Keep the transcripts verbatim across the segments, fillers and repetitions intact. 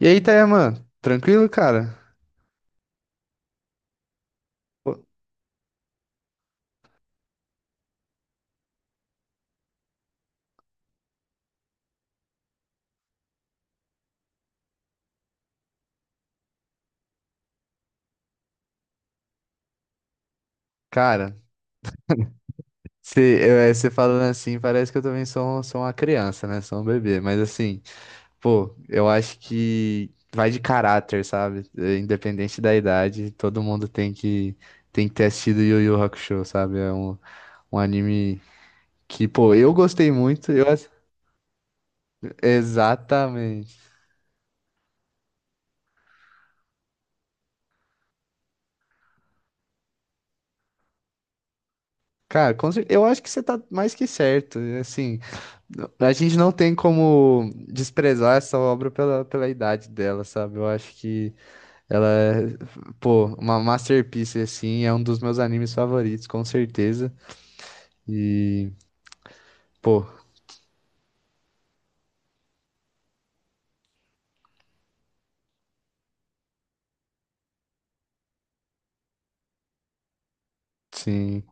E aí, Tayaman? Tranquilo, cara? Pô. Cara, você falando assim, parece que eu também sou, um- sou uma criança, né? Sou um bebê. Mas assim, pô, eu acho que vai de caráter, sabe? É, Independente da idade, todo mundo tem que, tem que ter assistido Yu Yu Hakusho, sabe? É um, um anime que, pô, eu gostei muito. Eu, ass- exatamente. Cara, com cer- eu acho que você tá mais que certo. Assim, a gente não tem como desprezar essa obra pela, pela idade dela, sabe? Eu acho que ela é, pô, uma masterpiece, assim, é um dos meus animes favoritos, com certeza. E, pô, sim,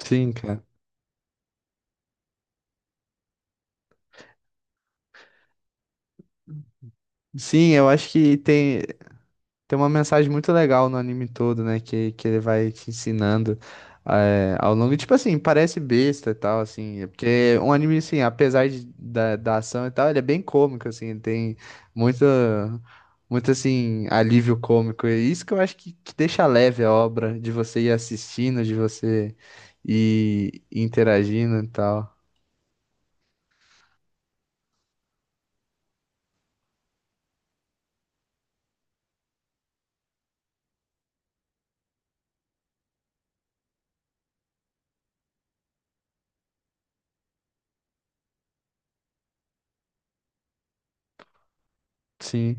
sim, cara. Sim, eu acho que tem. Tem uma mensagem muito legal no anime todo, né? Que, que ele vai te ensinando é, ao longo. Tipo assim, parece besta e tal, assim. é Porque um anime, assim, apesar de, da, da ação e tal, ele é bem cômico, assim. Ele tem muito, muito, assim, alívio cômico. E é isso que eu acho que, que deixa leve a obra, de você ir assistindo, de você ir interagindo e tal. Sim,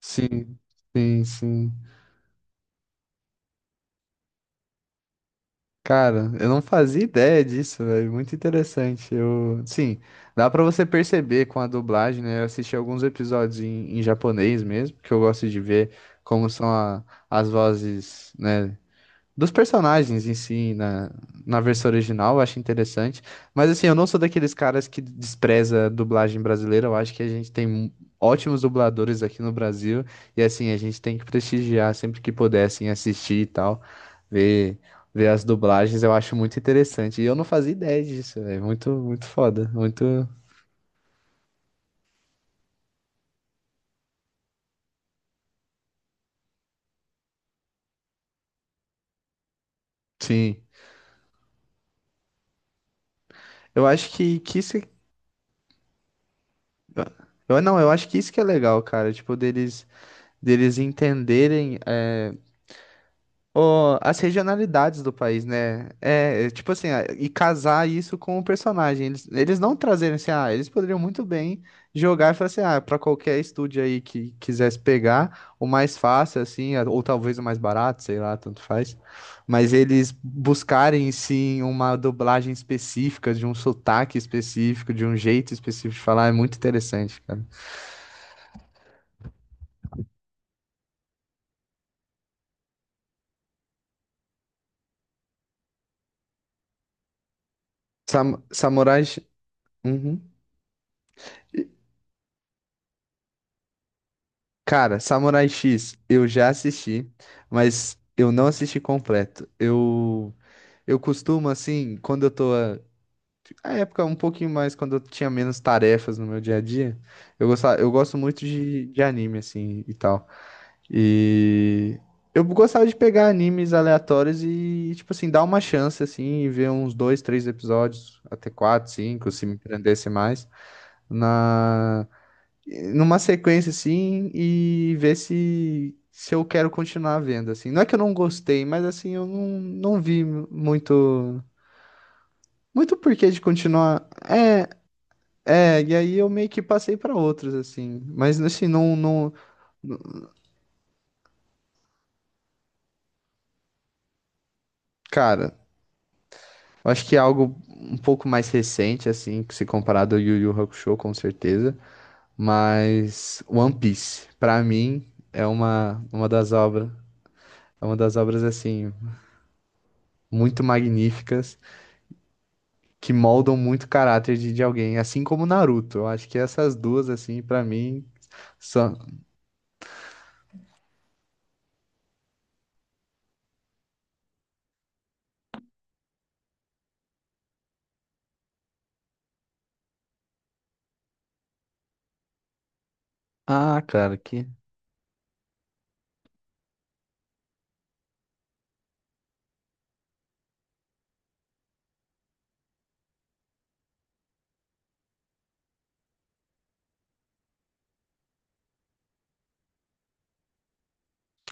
sim, sim, sim. Cara, eu não fazia ideia disso, velho. Muito interessante. Eu, sim, dá pra você perceber com a dublagem, né? Eu assisti alguns episódios em, em japonês mesmo, porque eu gosto de ver como são a- as vozes, né? dos personagens em si na, na versão original, eu acho interessante. Mas assim, eu não sou daqueles caras que despreza a dublagem brasileira, eu acho que a gente tem mu- ótimos dubladores aqui no Brasil e assim, a gente tem que prestigiar sempre que puder, assim, assistir e tal, ver, ver as dublagens, eu acho muito interessante. E eu não fazia ideia disso, é muito, muito foda, muito, sim. Eu acho que, que isso é, eu, não, eu acho que isso que é legal, cara. Tipo, deles, deles entenderem é, o- as regionalidades do país, né? É, é, tipo assim, ah, e casar isso com o personagem. Eles, eles não trazerem assim, ah, eles poderiam muito bem jogar e falar assim, ah, pra qualquer estúdio aí que quisesse pegar, o mais fácil, assim, ah, ou talvez o mais barato, sei lá, tanto faz. Mas eles buscarem, sim, uma dublagem específica, de um sotaque específico, de um jeito específico de falar, é muito interessante, cara. Sam- Samurai. Sh- Uhum. Cara, Samurai X, eu já assisti, mas eu não assisti completo. Eu eu costumo assim, quando eu tô ah, na época um pouquinho mais quando eu tinha menos tarefas no meu dia a dia, eu gostava, eu gosto muito de, de anime assim e tal. E eu gostava de pegar animes aleatórios e tipo assim, dar uma chance assim e ver uns dois, três episódios, até quatro, cinco, se me prendesse mais na numa sequência assim e ver se se eu quero continuar vendo assim. Não é que eu não gostei, mas assim eu não, não vi muito muito porquê de continuar. É, é, e aí eu meio que passei pra outros assim, mas assim não não, cara, eu acho que é algo um pouco mais recente assim, que se comparado ao Yu Yu Hakusho com certeza, mas One Piece pra mim é uma uma das obras, é uma das obras assim muito magníficas que moldam muito o caráter de, de alguém, assim como Naruto. Eu acho que essas duas, assim, pra mim, são. Ah, cara, que.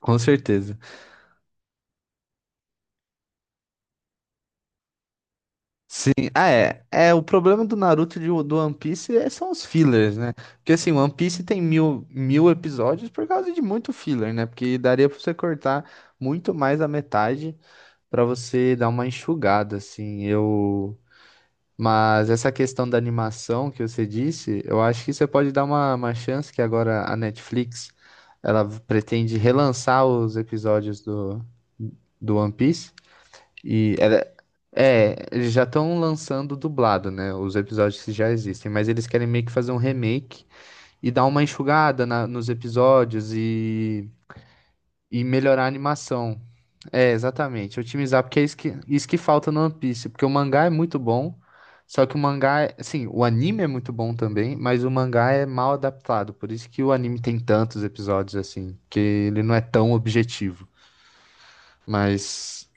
Com certeza. Sim, ah, é. É, o problema do Naruto e de- do One Piece é- são os fillers, né? Porque assim, One Piece tem mil, mil episódios por causa de muito filler, né? Porque daria pra você cortar muito mais a metade pra você dar uma enxugada, assim. Eu. Mas essa questão da animação que você disse, eu acho que você pode dar uma, uma chance que agora a Netflix ela pretende relançar os episódios do, do One Piece. E ela, é, eles já estão lançando dublado, né? Os episódios que já existem, mas eles querem meio que fazer um remake e dar uma enxugada na- nos episódios e e melhorar a animação. É, exatamente. Otimizar, porque é isso que, isso que falta no One Piece. Porque o mangá é muito bom, só que o mangá, é- assim, o anime é muito bom também, mas o mangá é mal adaptado. Por isso que o anime tem tantos episódios, assim, que ele não é tão objetivo. Mas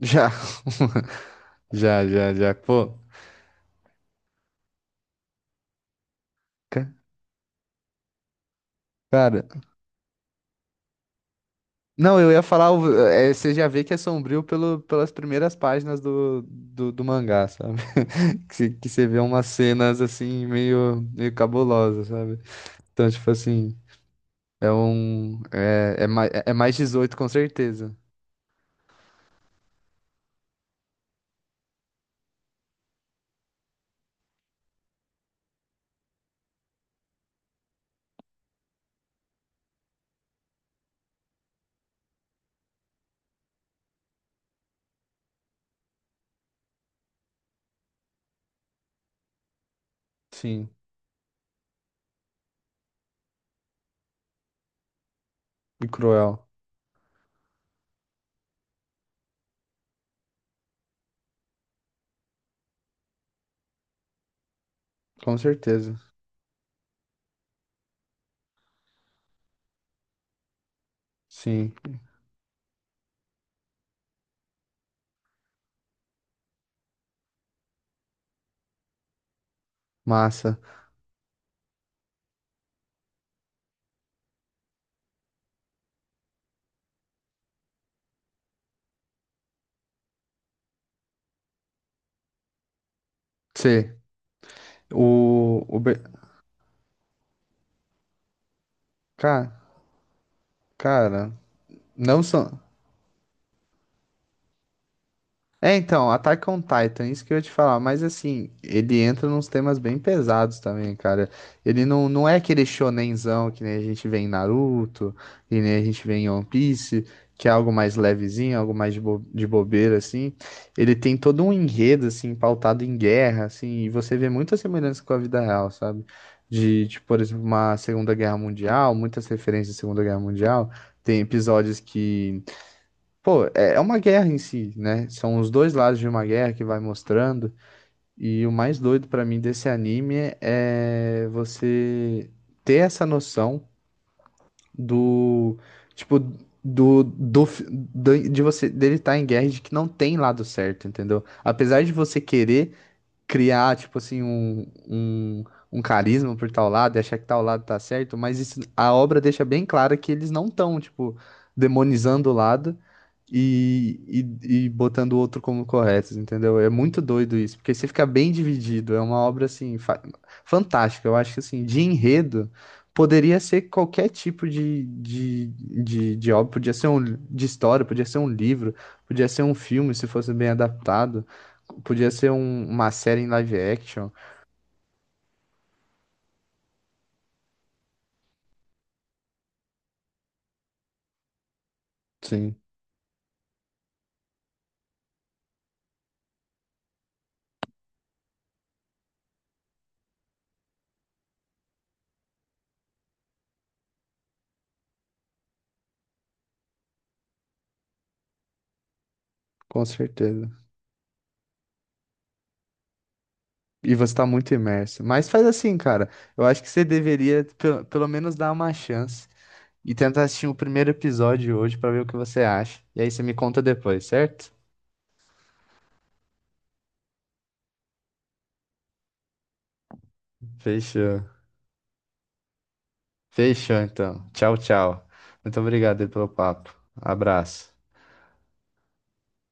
já, já, já, já. Pô, ca- cara. Não, eu ia falar, o- é, você já vê que é sombrio pelo, pelas primeiras páginas do, do, do mangá, sabe? Que, você- que você vê umas cenas assim meio, meio cabulosas, sabe? Então, tipo assim, é um. É, é, mais, é é mais dezoito, com certeza. Sim. E cruel. Com certeza. Sim. Massa. C. O. o Be- Ca- cara, não são. É, então, Attack on Titan, isso que eu ia te falar, mas assim, ele entra nos temas bem pesados também, cara. Ele não, não é aquele shonenzão que nem a gente vê em Naruto, que nem a gente vê em One Piece, que é algo mais levezinho, algo mais de, bo- de bobeira, assim. Ele tem todo um enredo, assim, pautado em guerra, assim, e você vê muita semelhança com a vida real, sabe? De, de, por exemplo, uma Segunda Guerra Mundial, muitas referências à Segunda Guerra Mundial. Tem episódios que pô, é é uma guerra em si, né? São os dois lados de uma guerra que vai mostrando. E o mais doido pra mim desse anime é você ter essa noção do, tipo, do, do, do- de você dele estar em guerra e de que não tem lado certo, entendeu? Apesar de você querer criar, tipo assim, um, um, um carisma por tal lado, e achar que tal lado tá certo, mas isso- a obra deixa bem clara que eles não estão, tipo, demonizando o lado e, e, e botando o outro como correto, entendeu? É muito doido isso, porque você fica bem dividido, é uma obra, assim, fa- fantástica, eu acho que, assim, de enredo... Poderia ser qualquer tipo de, de, de, de obra, podia ser um, de história, podia ser um livro, podia ser um filme, se fosse bem adaptado. Podia ser um- uma série em live action, sim, com certeza. E você tá muito imerso. Mas faz assim, cara. Eu acho que você deveria pe- pelo menos dar uma chance e tentar assistir o primeiro episódio hoje pra ver o que você acha. E aí você me conta depois, certo? Fechou. Fechou, então. Tchau, tchau. Muito obrigado aí pelo papo. Abraço.